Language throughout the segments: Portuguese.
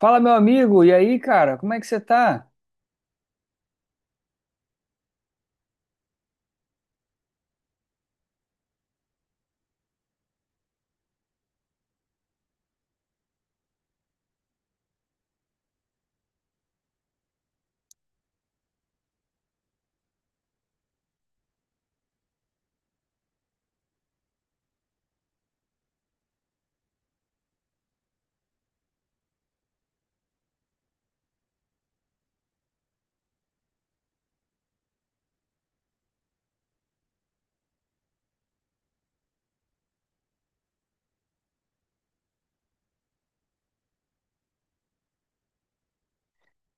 Fala, meu amigo, e aí, cara, como é que você tá?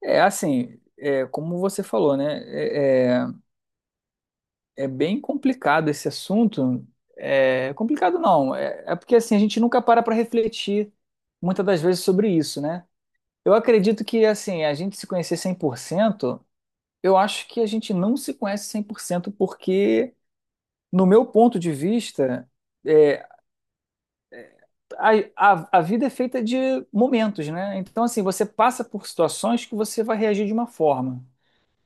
É assim, como você falou, né? É bem complicado esse assunto. É complicado não, é porque assim a gente nunca para para refletir muitas das vezes sobre isso, né? Eu acredito que assim a gente se conhecer 100%. Eu acho que a gente não se conhece 100% porque, no meu ponto de vista, é, a, a vida é feita de momentos, né? Então, assim, você passa por situações que você vai reagir de uma forma.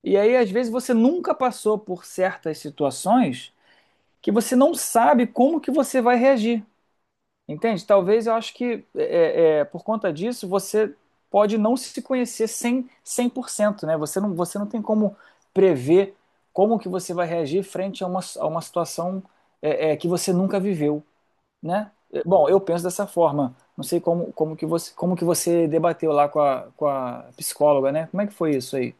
E aí, às vezes, você nunca passou por certas situações que você não sabe como que você vai reagir. Entende? Talvez eu acho que por conta disso você pode não se conhecer 100%, 100%, né? Você não tem como prever como que você vai reagir frente a uma situação, que você nunca viveu, né? Bom, eu penso dessa forma. Não sei como que você debateu lá com a psicóloga, né? Como é que foi isso aí?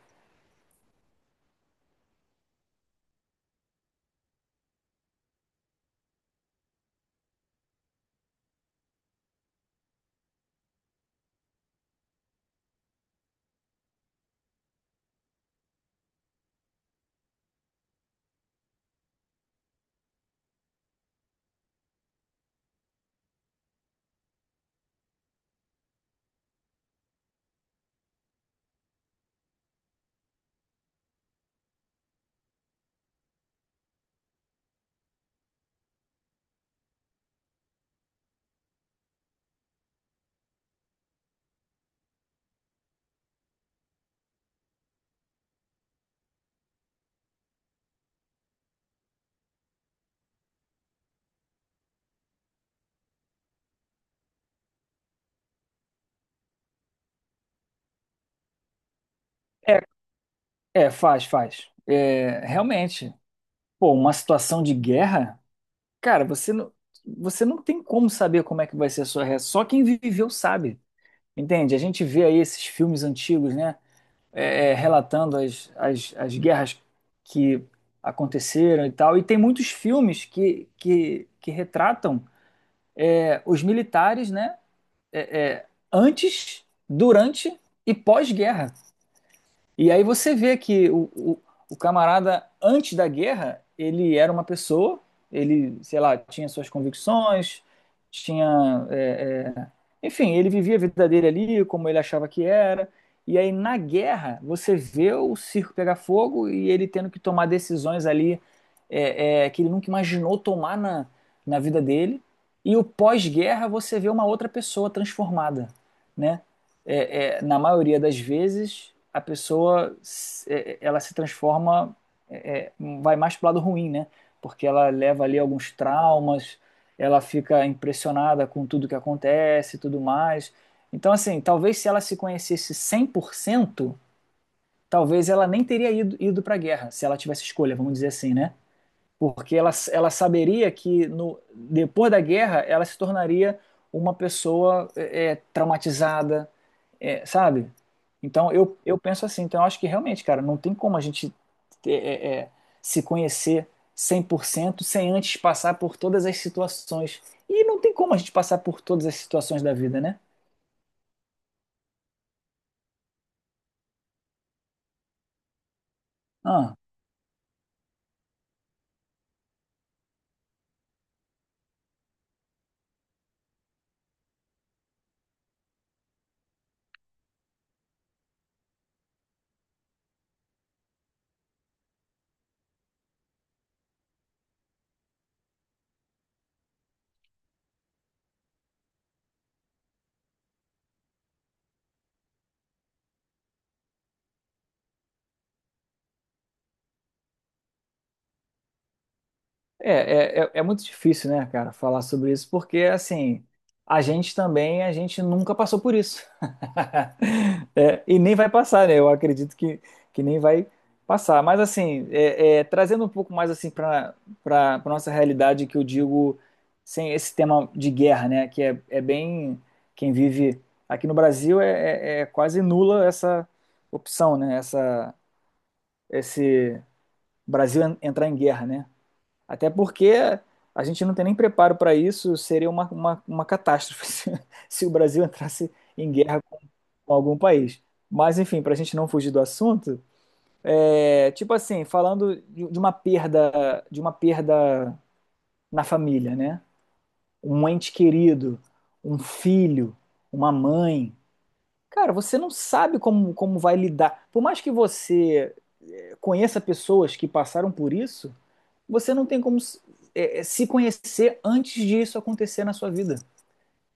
É, é, faz, faz. É, realmente, pô, uma situação de guerra, cara, você não tem como saber como é que vai ser a sua reação. Só quem viveu sabe, entende? A gente vê aí esses filmes antigos, né, relatando as guerras que aconteceram e tal. E tem muitos filmes que retratam os militares, né, antes, durante e pós-guerra. E aí você vê que o camarada, antes da guerra, ele era uma pessoa, ele, sei lá, tinha suas convicções, tinha. Enfim, ele vivia a vida dele ali, como ele achava que era. E aí, na guerra, você vê o circo pegar fogo e ele tendo que tomar decisões ali, que ele nunca imaginou tomar na vida dele. E o pós-guerra, você vê uma outra pessoa transformada, né? Na maioria das vezes, a pessoa, ela se transforma, é, é, vai mais para o lado ruim, né? Porque ela leva ali alguns traumas, ela fica impressionada com tudo que acontece e tudo mais. Então, assim, talvez se ela se conhecesse 100%, talvez ela nem teria ido para a guerra, se ela tivesse escolha, vamos dizer assim, né? Porque ela saberia que no, depois da guerra ela se tornaria uma pessoa traumatizada, sabe? Então eu penso assim, então eu acho que realmente, cara, não tem como a gente é, é, é, se conhecer 100% sem antes passar por todas as situações. E não tem como a gente passar por todas as situações da vida, né? Ah, é muito difícil, né, cara, falar sobre isso, porque, assim, a gente nunca passou por isso. É, e nem vai passar, né? Eu acredito que nem vai passar. Mas, assim, trazendo um pouco mais, assim, para nossa realidade, que eu digo, sem esse tema de guerra, né? Que é bem. Quem vive aqui no Brasil é quase nula essa opção, né? Esse Brasil entrar em guerra, né? Até porque a gente não tem nem preparo para isso, seria uma catástrofe se o Brasil entrasse em guerra com algum país. Mas, enfim, para a gente não fugir do assunto, tipo assim, falando de uma perda na família, né? Um ente querido, um filho, uma mãe. Cara, você não sabe como vai lidar. Por mais que você conheça pessoas que passaram por isso, você não tem como se, é, é, se conhecer antes disso acontecer na sua vida.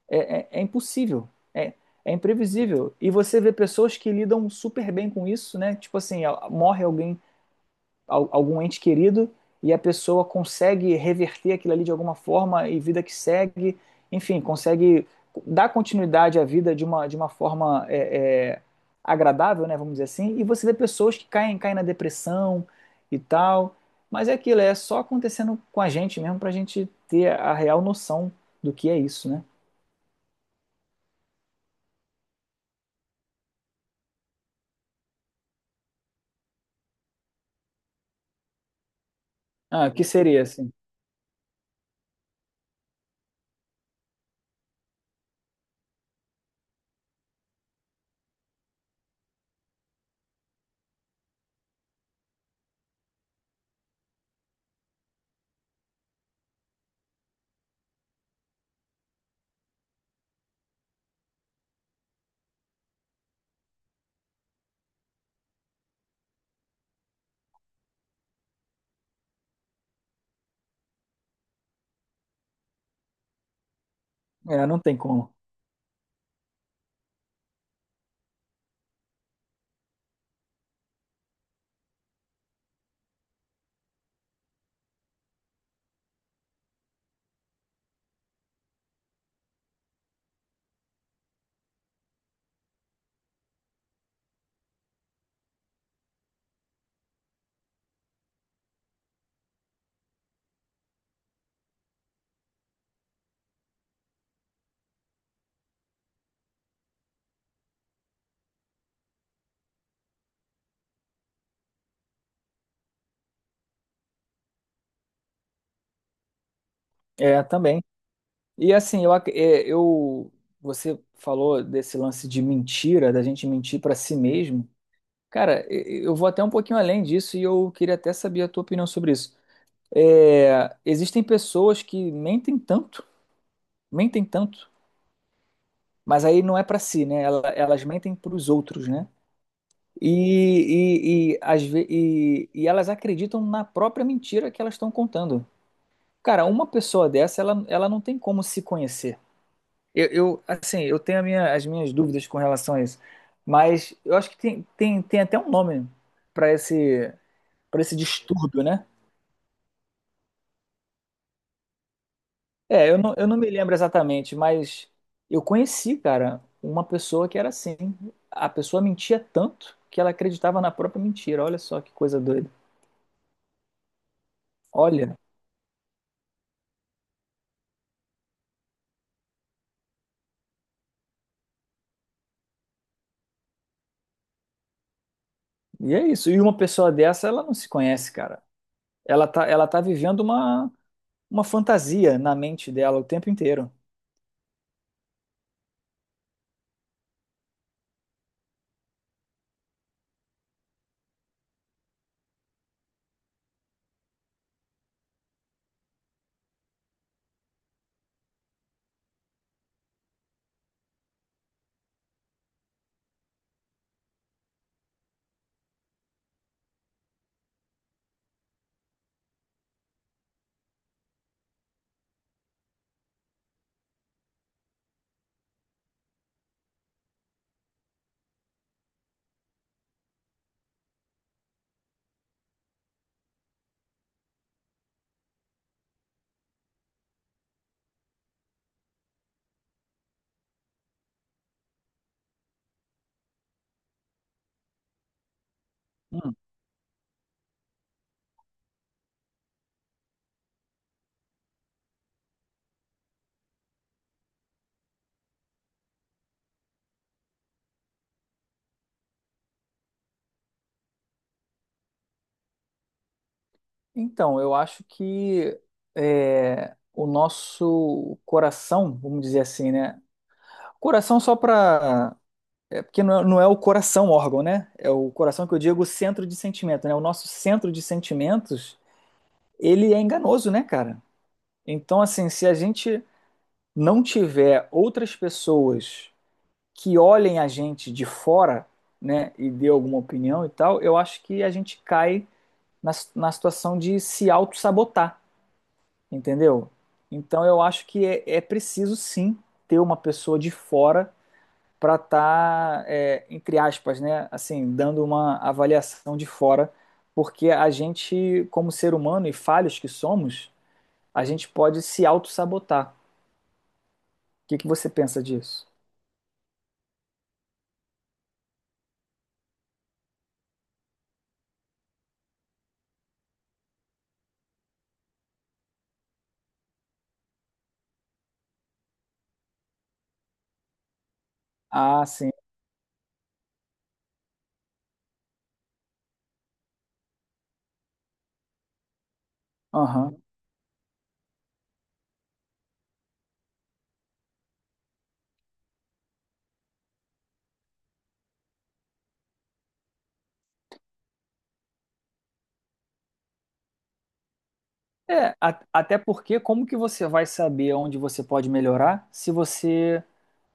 É impossível. É, é imprevisível. E você vê pessoas que lidam super bem com isso, né? Tipo assim, morre alguém, algum ente querido, e a pessoa consegue reverter aquilo ali de alguma forma e vida que segue, enfim, consegue dar continuidade à vida de uma forma é, agradável, né, vamos dizer assim, e você vê pessoas que caem na depressão e tal, mas é aquilo, é só acontecendo com a gente mesmo para a gente ter a real noção do que é isso, né? Ah, o que seria assim? É, não tem como. É, também. E assim, eu, ac- é, eu- você falou desse lance de mentira, da gente mentir para si mesmo. Cara, e eu vou até um pouquinho além disso e eu queria até saber a tua opinião sobre isso. Existem pessoas que mentem tanto, mas aí não é para si, né? Elas mentem para os outros, né? E elas acreditam na própria mentira que elas estão contando. Cara, uma pessoa dessa, ela não tem como se conhecer. Assim, eu tenho as minhas dúvidas com relação a isso, mas eu acho que tem até um nome para esse, para esse distúrbio, né? Eu não me lembro exatamente, mas eu conheci, cara, uma pessoa que era assim. A pessoa mentia tanto que ela acreditava na própria mentira. Olha só que coisa doida. Olha, e é isso. E uma pessoa dessa, ela não se conhece, cara. Ela tá vivendo uma fantasia na mente dela o tempo inteiro. Então, eu acho que o nosso coração, vamos dizer assim, né? Coração só para. É, porque não é o coração órgão, né? É o coração que eu digo o centro de sentimento, né? O nosso centro de sentimentos, ele é enganoso, né, cara? Então, assim, se a gente não tiver outras pessoas que olhem a gente de fora, né, e dê alguma opinião e tal, eu acho que a gente cai na situação de se auto-sabotar. Entendeu? Então eu acho que é preciso sim ter uma pessoa de fora para estar, entre aspas, né, assim, dando uma avaliação de fora, porque a gente, como ser humano e falhos que somos, a gente pode se auto-sabotar. O que que você pensa disso? Ah, sim. Aham. Até porque como que você vai saber onde você pode melhorar se você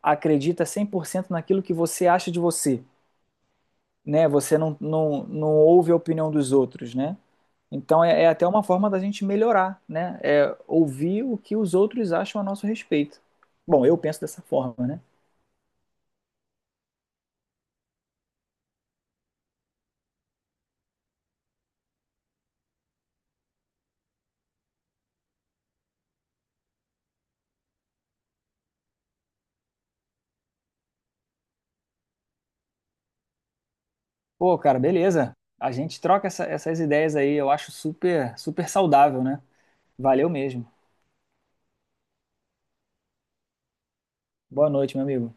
acredita 100% naquilo que você acha de você, né? Você não ouve a opinião dos outros, né? Então é até uma forma da gente melhorar, né? É ouvir o que os outros acham a nosso respeito. Bom, eu penso dessa forma, né? Pô, cara, beleza. A gente troca essas ideias aí, eu acho super, super saudável, né? Valeu mesmo. Boa noite, meu amigo.